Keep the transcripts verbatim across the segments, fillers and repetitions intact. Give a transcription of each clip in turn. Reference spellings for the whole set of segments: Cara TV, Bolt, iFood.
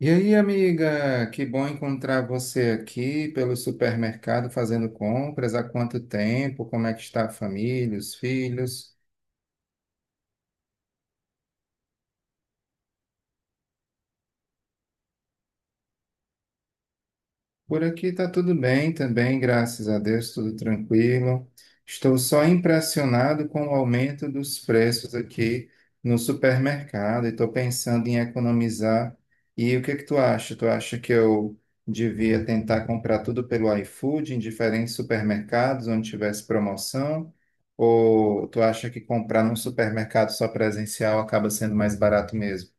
E aí, amiga, que bom encontrar você aqui pelo supermercado fazendo compras. Há quanto tempo? Como é que está a família, os filhos? Por aqui está tudo bem também, graças a Deus, tudo tranquilo. Estou só impressionado com o aumento dos preços aqui no supermercado e estou pensando em economizar. E o que é que tu acha? Tu acha que eu devia tentar comprar tudo pelo iFood em diferentes supermercados onde tivesse promoção? Ou tu acha que comprar num supermercado só presencial acaba sendo mais barato mesmo?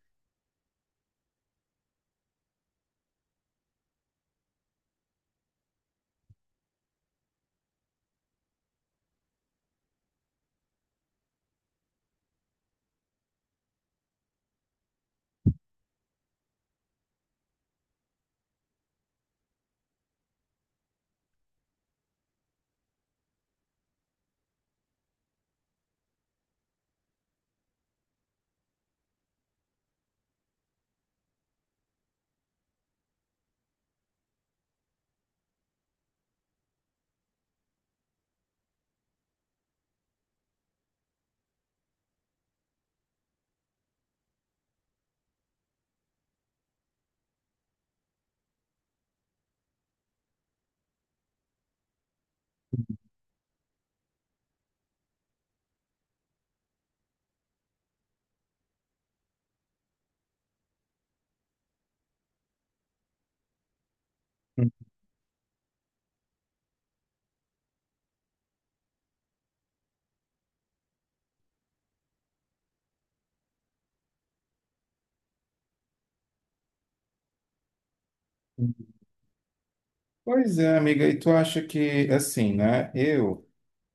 Pois é, amiga, e tu acha que, assim, né? Eu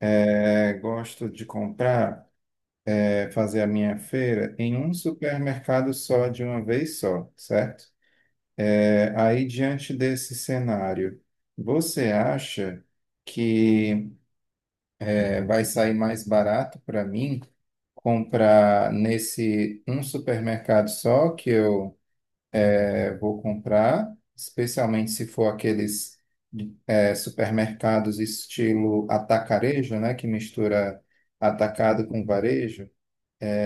É, gosto de comprar, é, fazer a minha feira em um supermercado só, de uma vez só, certo? É, aí, diante desse cenário, você acha que é, vai sair mais barato para mim comprar nesse um supermercado só que eu é, vou comprar, especialmente se for aqueles é, supermercados estilo atacarejo, né, que mistura atacado com varejo?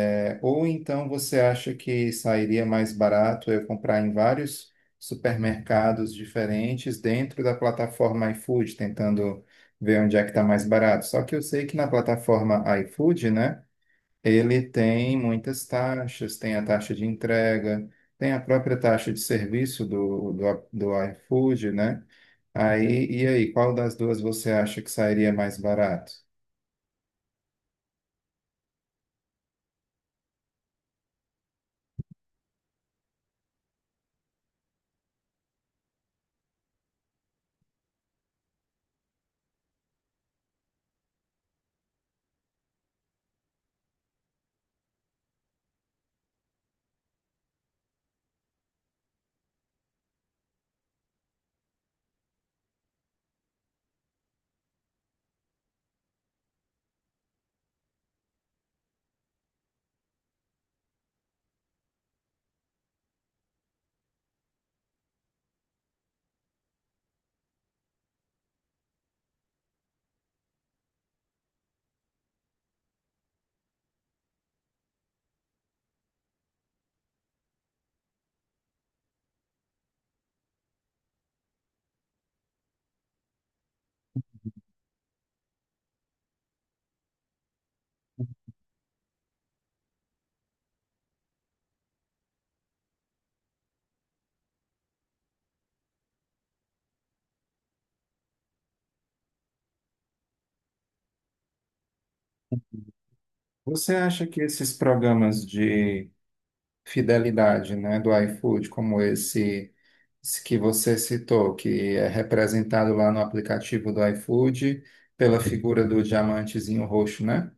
É, Ou então você acha que sairia mais barato eu comprar em vários supermercados diferentes dentro da plataforma iFood, tentando ver onde é que está mais barato. Só que eu sei que na plataforma iFood, né, ele tem muitas taxas, tem a taxa de entrega, tem a própria taxa de serviço do, do, do iFood, né? Aí, e aí, qual das duas você acha que sairia mais barato? Você acha que esses programas de fidelidade, né, do iFood, como esse, esse que você citou, que é representado lá no aplicativo do iFood pela figura do diamantezinho roxo, né?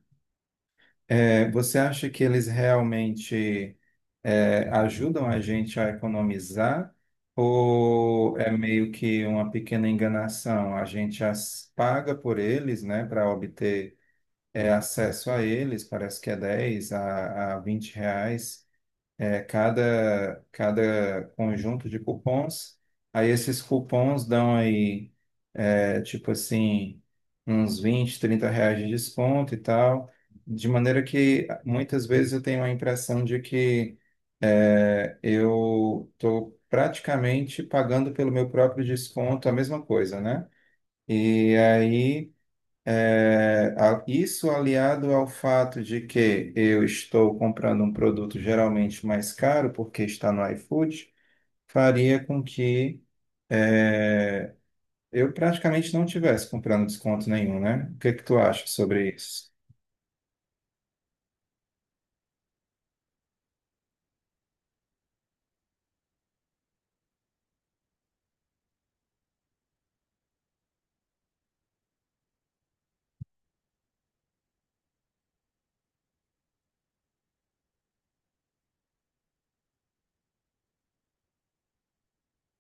É, você acha que eles realmente é, ajudam a gente a economizar ou é meio que uma pequena enganação? A gente as paga por eles, né, para obter é, acesso a eles, parece que é dez a, a vinte reais é, cada, cada conjunto de cupons. Aí esses cupons dão aí é tipo assim, uns vinte trinta reais de desconto e tal. De maneira que muitas vezes eu tenho a impressão de que é, eu estou praticamente pagando pelo meu próprio desconto a mesma coisa, né? E aí, é, a- isso aliado ao fato de que eu estou comprando um produto geralmente mais caro, porque está no iFood, faria com que é, eu praticamente não tivesse comprando desconto nenhum, né? O que que tu acha sobre isso?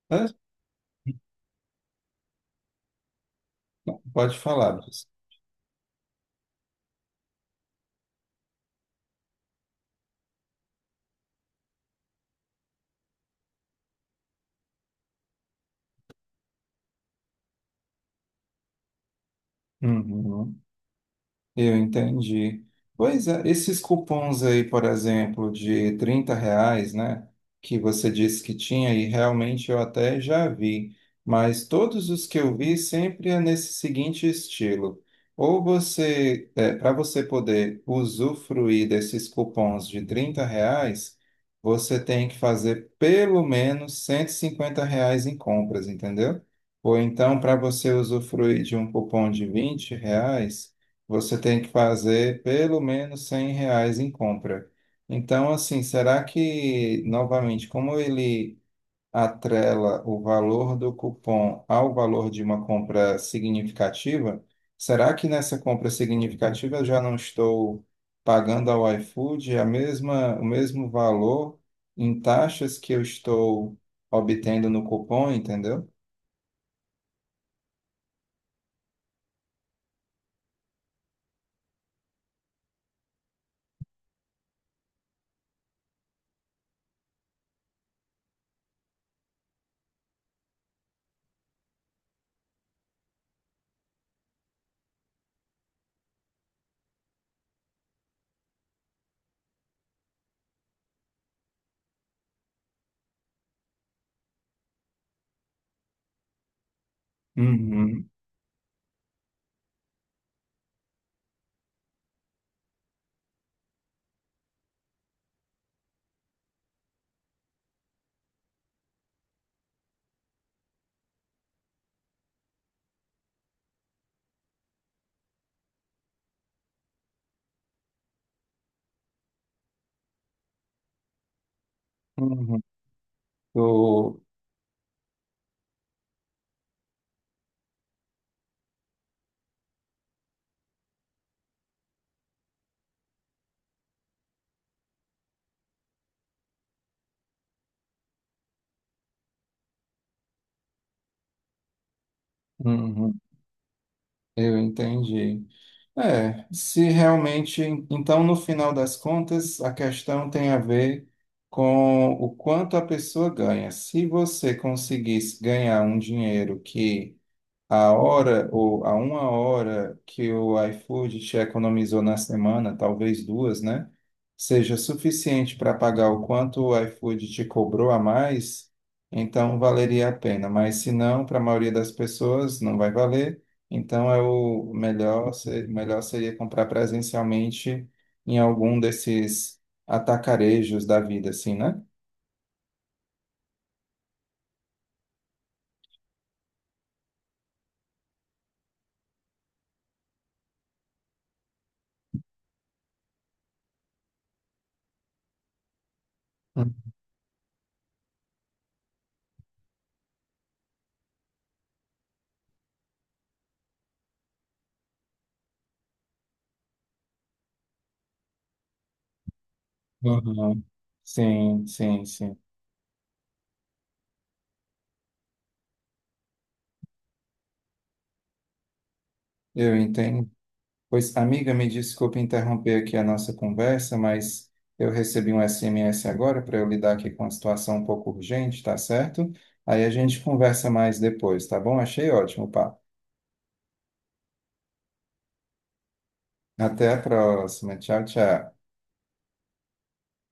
Mas, Pode falar, Luiz. Uhum. Eu entendi. Pois é, esses cupons aí, por exemplo, de trinta reais, né, que você disse que tinha, e realmente eu até já vi, mas todos os que eu vi sempre é nesse seguinte estilo. Ou você, Para você poder usufruir desses cupons de trinta reais, você tem que fazer pelo menos cento e cinquenta reais em compras, entendeu? Ou então, para você usufruir de um cupom de vinte reais, você tem que fazer pelo menos cem reais em compra. Então, assim, será que, novamente, como ele atrela o valor do cupom ao valor de uma compra significativa, será que nessa compra significativa eu já não estou pagando ao iFood a mesma, o mesmo valor em taxas que eu estou obtendo no cupom, entendeu? Uhum, uhum. Eu- uhum, eu entendi. É, se realmente. Então, no final das contas, a questão tem a ver com o quanto a pessoa ganha. Se você conseguisse ganhar um dinheiro que a hora ou a uma hora que o iFood te economizou na semana, talvez duas, né? Seja suficiente para pagar o quanto o iFood te cobrou a mais, então valeria a pena. Mas se não, para a maioria das pessoas não vai valer. Então é o melhor, se- melhor seria comprar presencialmente em algum desses atacarejos da vida, assim, né? Uhum. Sim, sim, sim. Eu entendo. Pois, amiga, me desculpe interromper aqui a nossa conversa, mas eu recebi um S M S agora para eu lidar aqui com uma situação um pouco urgente, tá certo? Aí a gente conversa mais depois, tá bom? Achei ótimo, o papo. Até a próxima. Tchau, tchau.